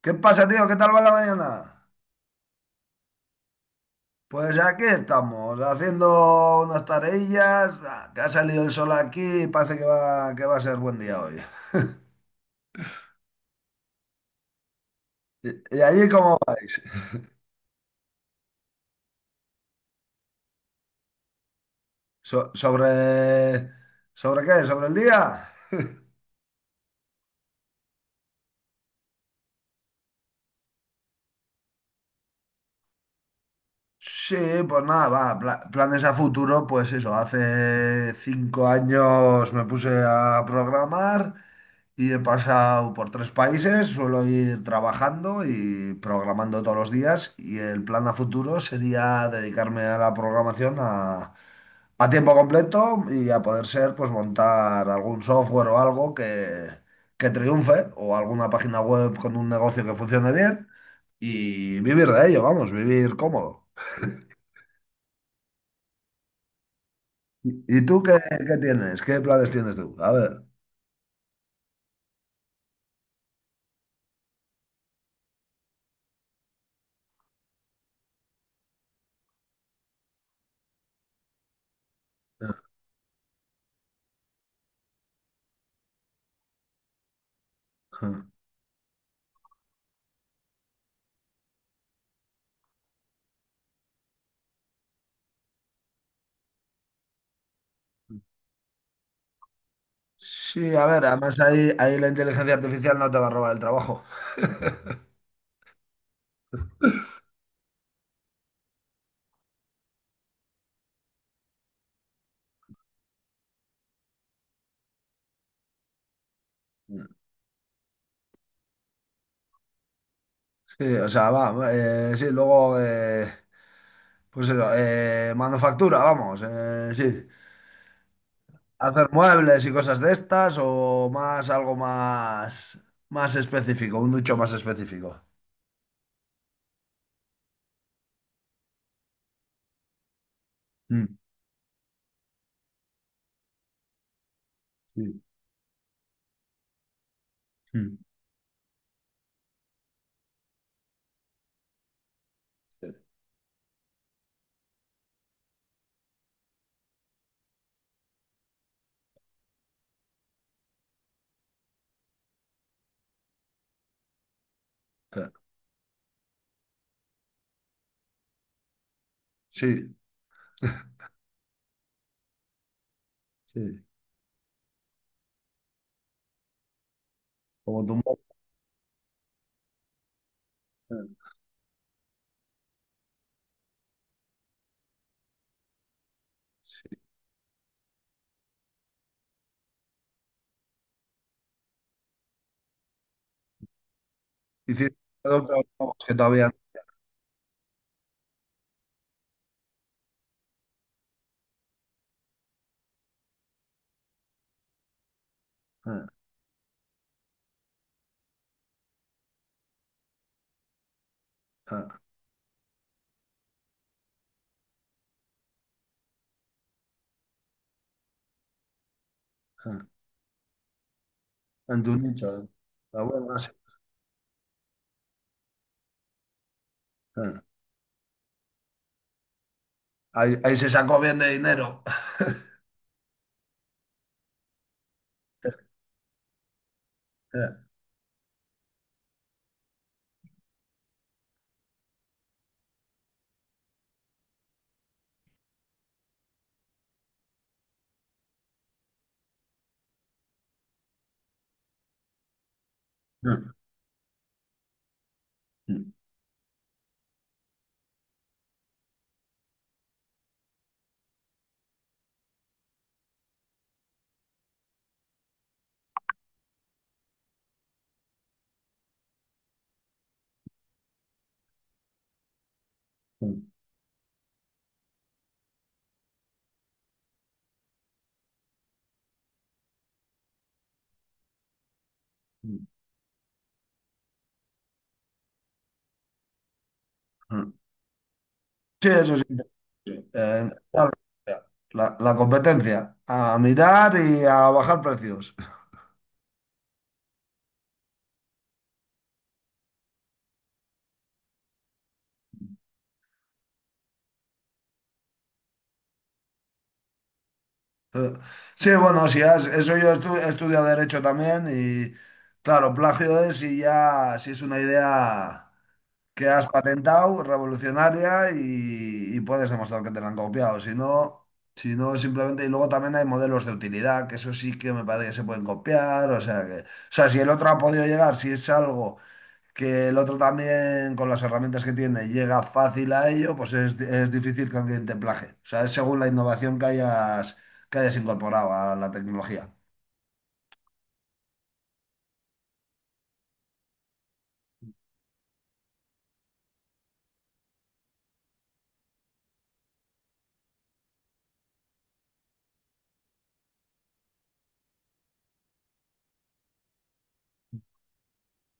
¿Qué pasa, tío? ¿Qué tal va la mañana? Pues aquí estamos, haciendo unas tareillas. Ah, que ha salido el sol aquí y parece que va a ser buen día hoy. ¿Y allí cómo vais? So- ¿sobre, sobre qué? ¿Sobre el día? Sí, pues nada, va, planes a futuro, pues eso, hace 5 años me puse a programar. Y he pasado por tres países, suelo ir trabajando y programando todos los días, y el plan a futuro sería dedicarme a la programación a tiempo completo y, a poder ser, pues montar algún software o algo que triunfe, o alguna página web con un negocio que funcione bien y vivir de ello, vamos, vivir cómodo. ¿Y tú qué tienes? ¿Qué planes tienes tú? A ver. Sí, a ver, además ahí la inteligencia artificial no te va a robar el trabajo. Sí, o sea, va, sí, luego, pues eso, manufactura, vamos, sí. Hacer muebles y cosas de estas, o más, algo más, más específico, un nicho más específico. Mm, sí. Mm, sí, claro. Sí, sí, como tu mo- eh, sí. Hiciste productos nuevos que todavía eh, eh, eh, en tu nicho. Está bueno, sí. Ahí se sacó bien de dinero. Sí, eso sí. Eh, la competencia, a mirar y a bajar precios. Sí, bueno, si has- eso yo he estudiado derecho también, y claro, plagio es si es una idea que has patentado, revolucionaria, y puedes demostrar que te la han copiado. Si no, si no, simplemente. Y luego también hay modelos de utilidad, que eso sí que me parece que se pueden copiar. O sea, si el otro ha podido llegar, si es algo que el otro también, con las herramientas que tiene, llega fácil a ello, pues es difícil que alguien te plagie. O sea, es según la innovación que hayas incorporado a la tecnología.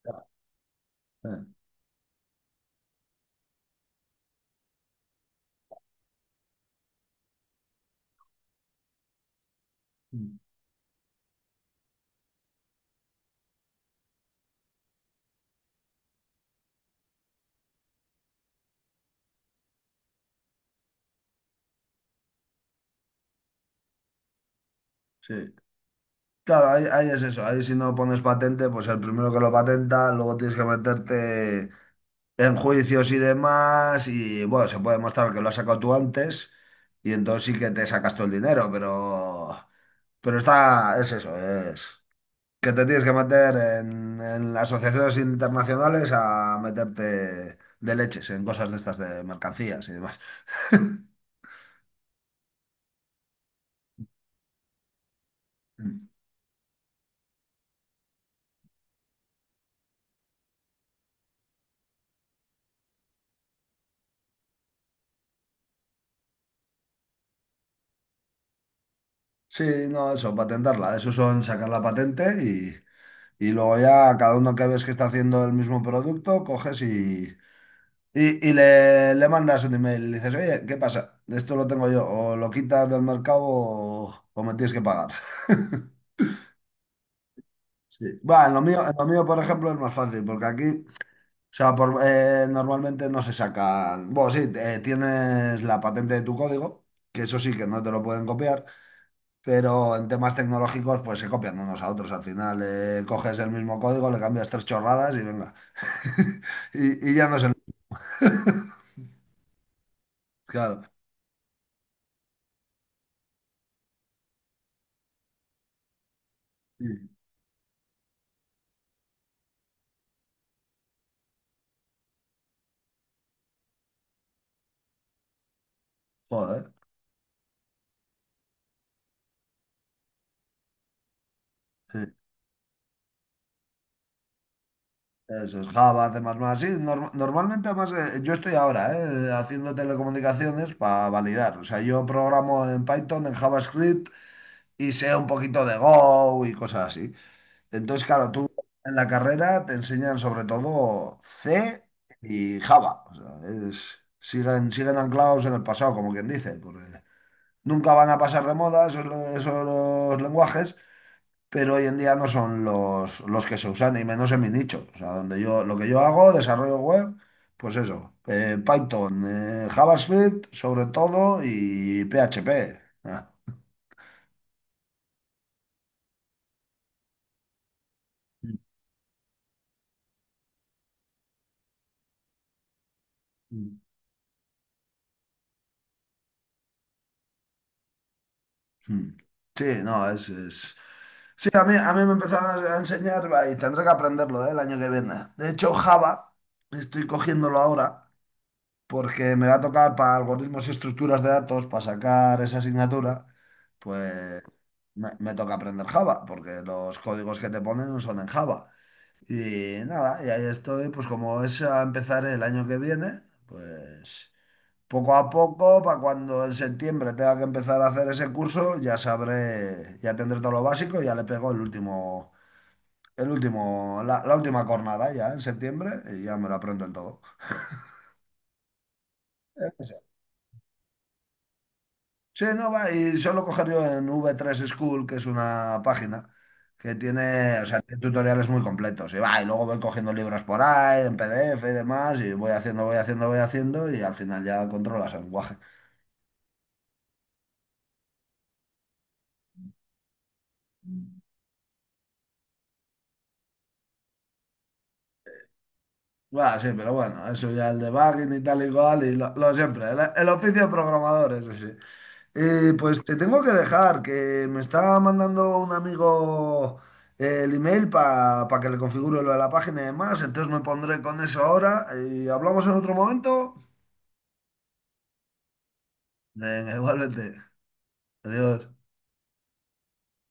Ya. Eh, mm, sí. Claro, ahí es eso. Ahí, si no pones patente, pues el primero que lo patenta, luego tienes que meterte en juicios y demás. Y bueno, se puede demostrar que lo has sacado tú antes, y entonces sí que te sacas todo el dinero, pero es eso, es que te tienes que meter en las asociaciones internacionales a meterte de leches en cosas de estas de mercancías y demás. Sí, no, eso, patentarla. Eso son sacar la patente. Y luego ya cada uno que ves que está haciendo el mismo producto, coges y le mandas un email. Y le dices: oye, ¿qué pasa? Esto lo tengo yo. O lo quitas del mercado, o me tienes que pagar. Sí. Va, en lo mío, por ejemplo, es más fácil, porque aquí, o sea, normalmente no se sacan. Bueno, sí, tienes la patente de tu código, que eso sí que no te lo pueden copiar. Pero en temas tecnológicos, pues se copian unos a otros. Al final, coges el mismo código, le cambias tres chorradas y venga. Y, y ya no se... Claro. Sí. Joder. Sí. Eso es Java, temas más. Sí, normalmente. Además, yo estoy ahora haciendo telecomunicaciones para validar. O sea, yo programo en Python, en JavaScript, y sé un poquito de Go y cosas así. Entonces, claro, tú en la carrera te enseñan sobre todo C y Java. O sea, siguen anclados en el pasado, como quien dice, porque nunca van a pasar de moda esos los lenguajes, pero hoy en día no son los que se usan, y menos en mi nicho. O sea, donde yo, lo que yo hago, desarrollo web, pues eso, Python, JavaScript sobre todo, y PHP. Ah. Mm. Sí, no, sí. A mí, me empezaron a enseñar, va, y tendré que aprenderlo, el año que viene. De hecho, Java estoy cogiéndolo ahora porque me va a tocar para algoritmos y estructuras de datos. Para sacar esa asignatura, pues me toca aprender Java, porque los códigos que te ponen no son en Java. Y nada, y ahí estoy, pues como es a empezar el año que viene, pues... Poco a poco, para cuando en septiembre tenga que empezar a hacer ese curso, ya sabré, ya tendré todo lo básico, ya le pego la última cornada ya en septiembre, y ya me lo aprendo el todo. Eh, Sí, no va, y solo coger yo en v tres School, que es una página que tiene, o sea, tiene tutoriales muy completos. Y va, y luego voy cogiendo libros por ahí, en PDF y demás, y voy haciendo, voy haciendo, voy haciendo, y al final ya controlas el lenguaje. Bueno, sí, pero bueno, eso ya el debugging y tal y cual, y lo siempre, el oficio de programador, eso sí. Y pues te tengo que dejar, que me está mandando un amigo el email para que le configure lo de la página y demás, entonces me pondré con eso ahora y hablamos en otro momento. Venga, igualmente. Adiós.